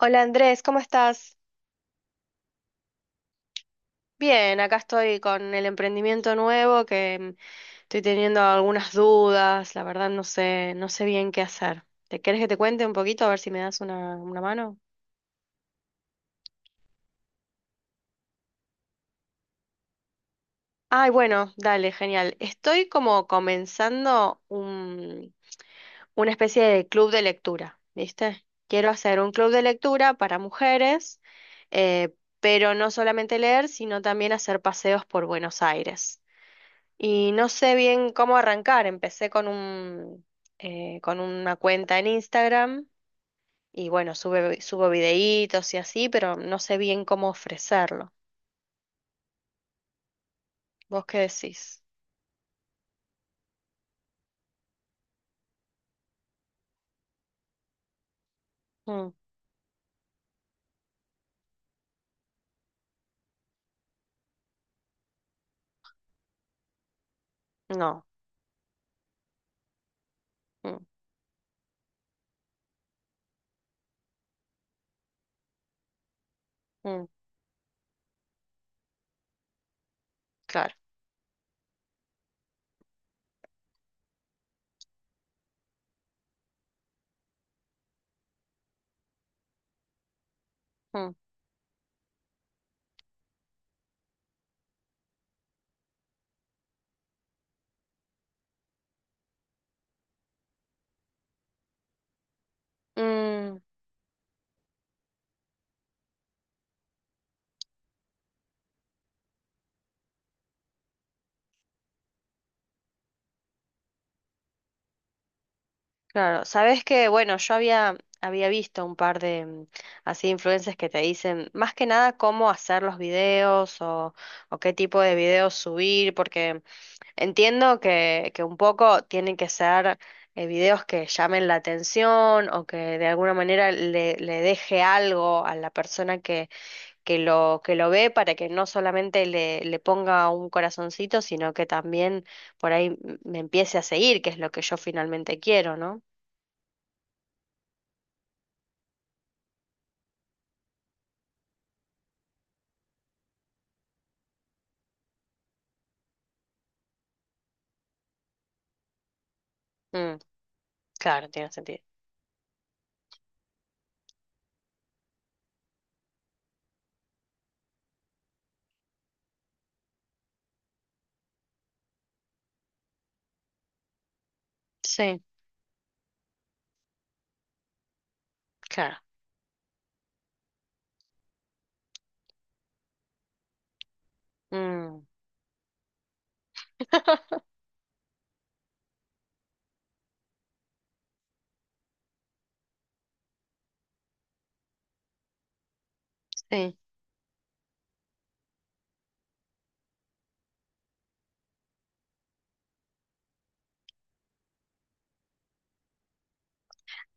Hola Andrés, ¿cómo estás? Bien, acá estoy con el emprendimiento nuevo que estoy teniendo algunas dudas, la verdad no sé, no sé bien qué hacer. ¿Te querés que te cuente un poquito a ver si me das una mano? Ay, bueno, dale, genial. Estoy como comenzando una especie de club de lectura, ¿viste? Quiero hacer un club de lectura para mujeres, eh, pero no solamente leer, sino también hacer paseos por Buenos Aires. Y no sé bien cómo arrancar. Empecé con con una cuenta en Instagram y bueno, subo videitos y así, pero no sé bien cómo ofrecerlo. ¿Vos qué decís? Mm, no, mm, mm, claro. Mm, mm, claro, sabes que bueno, yo había visto un par de así influencers que te dicen más que nada cómo hacer los videos o qué tipo de videos subir, porque... Entiendo que un poco tienen que ser videos que llamen la atención o que de alguna manera le deje algo a la persona que lo ve para que no solamente le ponga un corazoncito, sino que también por ahí me empiece a seguir, que es lo que yo finalmente quiero, ¿no? Mm, claro, tiene sentido. Sí, claro. Mm, sí.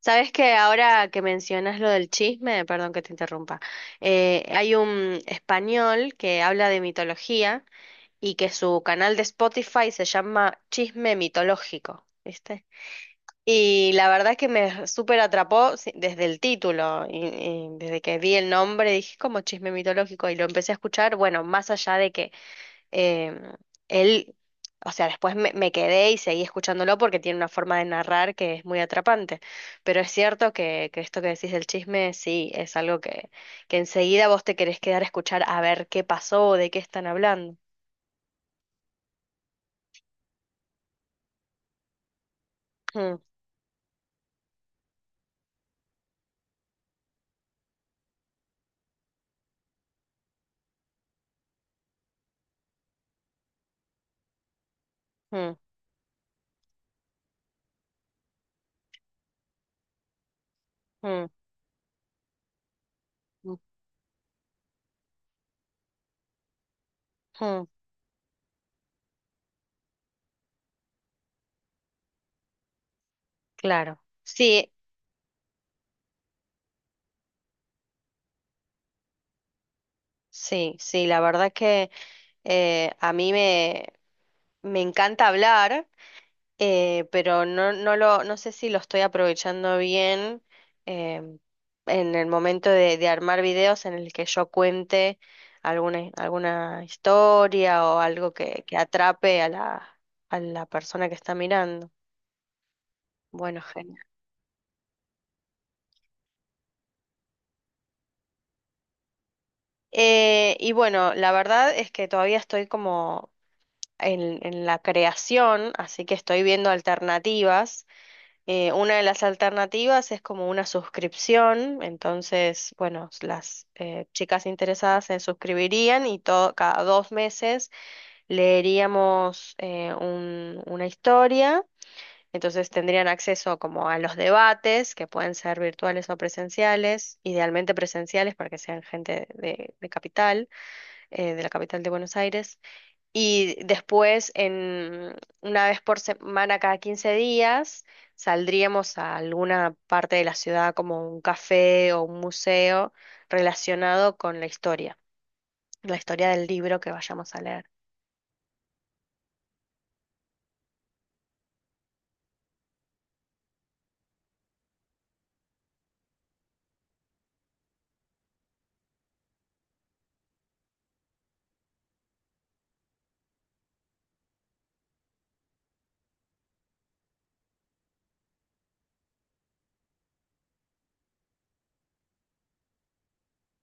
Sabes que ahora que mencionas lo del chisme, perdón que te interrumpa, hay un español que habla de mitología y que su canal de Spotify se llama Chisme Mitológico, ¿viste? Y la verdad es que me súper atrapó desde el título y desde que vi el nombre dije como chisme mitológico y lo empecé a escuchar, bueno, más allá de que em, él, o sea, me quedé y seguí escuchándolo porque tiene una forma de narrar que es muy atrapante. Pero es cierto que esto que decís del chisme, sí, es algo que enseguida vos te querés quedar a escuchar a ver qué pasó, de qué están hablando. Mm, mm, mm, mm, mm, claro. Sí, sí, sí, la verdad que eh, a mí me, me encanta hablar. Pero no sé si lo estoy aprovechando bien em, en el momento de armar videos en el que yo cuente alguna historia o algo que atrape a a la persona que está mirando. Bueno, genial. Y bueno, la verdad es que todavía estoy como en la creación, así que estoy viendo alternativas. Una de las alternativas es como una suscripción, entonces, bueno, s- las chicas interesadas se suscribirían y todo, cada dos meses leeríamos una historia, entonces tendrían acceso como a los debates, que pueden ser virtuales o presenciales, idealmente presenciales para que sean gente de capital, de la capital de Buenos Aires. Y después, una vez por semana, cada 15 días, saldríamos a alguna parte de la ciudad, como un café o un museo relacionado con la historia del libro que vayamos a leer.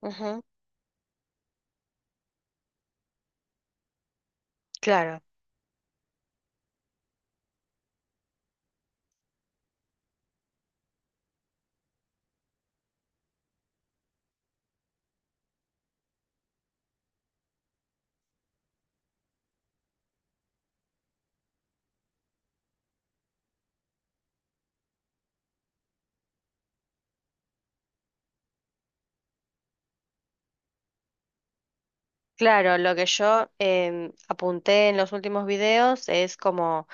Ujú, claro, claro, lo que yo apunté en los últimos videos es como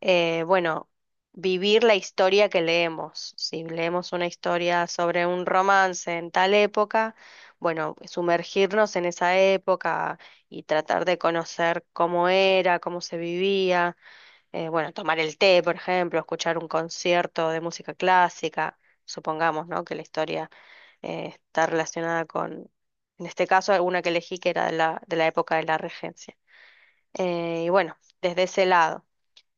bueno, vivir la historia que leemos. Si leemos una historia sobre un romance en tal época, bueno, sumergirnos en esa época y tratar de conocer cómo era, cómo se vivía, bueno, tomar el té, por ejemplo, escuchar un concierto de música clásica, supongamos, ¿no? Que la historia está relacionada en este caso, una que elegí que era de de la época de la regencia. Y bueno, desde ese lado.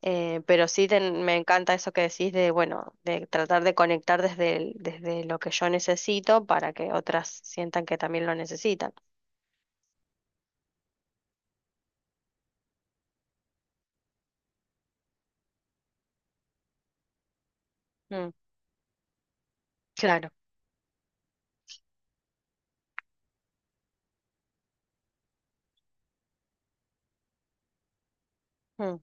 Me encanta eso que decís de, bueno, de tratar de conectar desde lo que yo necesito para que otras sientan que también lo necesitan. Mm, claro. Mm,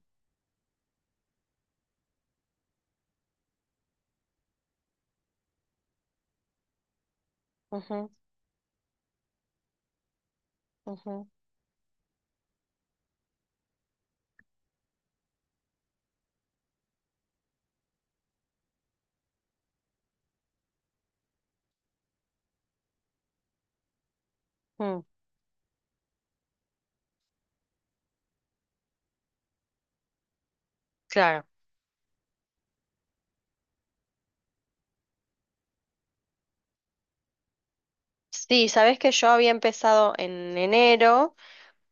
ujú, ujú, mm, claro. Sí, sabés que yo había empezado en enero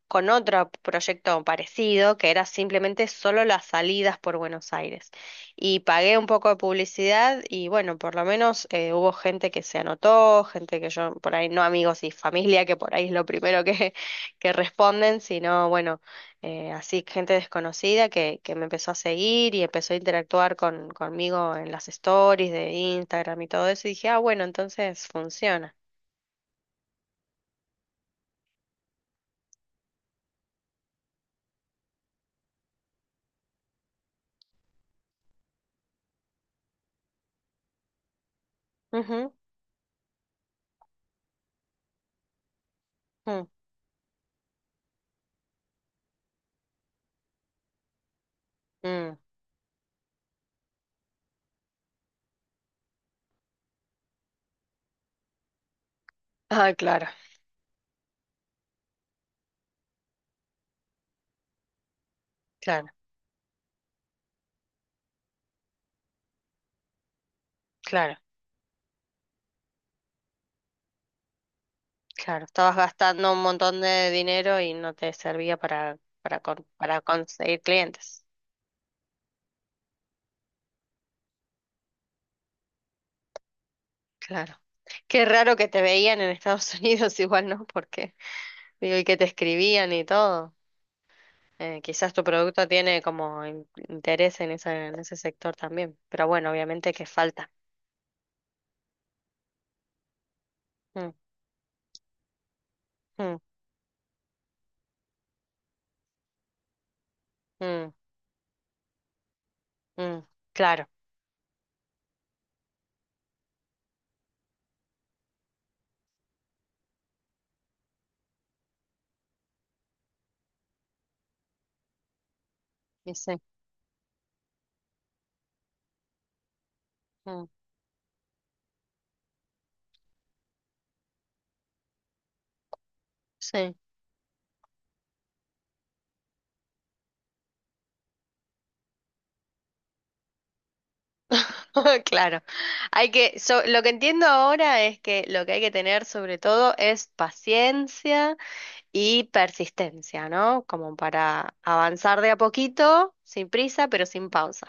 con otro proyecto parecido que era simplemente solo las salidas por Buenos Aires. Y pagué un poco de publicidad y bueno, por lo menos hubo gente que se anotó, gente que yo por ahí, no amigos y familia, que por ahí es lo primero que responden, sino bueno, así gente desconocida que me empezó a seguir y empezó a interactuar conmigo en las stories de Instagram y todo eso. Y dije, ah, bueno, entonces funciona. Ujú, mm, mm. Ah, claro, claro, claro. Claro, estabas gastando un montón de dinero y no te servía para conseguir clientes. Claro. Qué raro que te veían en Estados Unidos, igual, ¿no? Porque, digo, y que te escribían y todo. Quizás tu producto tiene como interés en en ese sector también. Pero bueno, obviamente que falta. Mm, mm, mm, mm. Claro. Y sí. Mm, sí. Claro, lo que entiendo ahora es que lo que hay que tener sobre todo es paciencia y persistencia, ¿no? Como para avanzar de a poquito, sin prisa, pero sin pausa.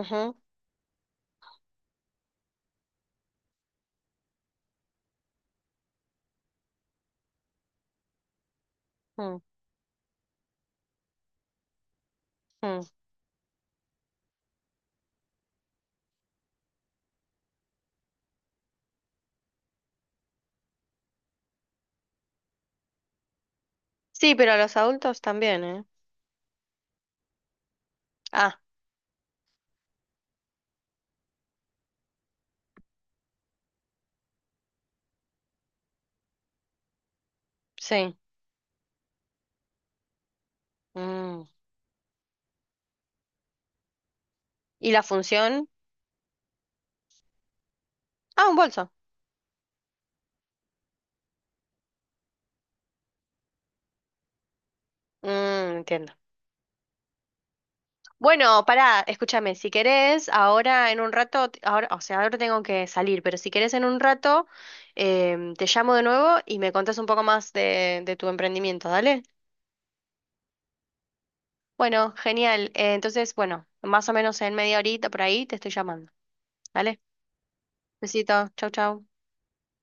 Ujú, mm, mm. Sí, pero a los adultos también, ¿eh? Ah, sí. Mm. ¿Y la función? Ah, un bolso. Mm, entiendo. Bueno, pará, escúchame, si querés, ahora en un rato, ahora tengo que salir, pero si querés en un rato, te llamo de nuevo y me contás un poco más de tu emprendimiento, ¿dale? Bueno, genial. Bueno, más o menos en media horita por ahí te estoy llamando, ¿dale? Besito, chau, chau.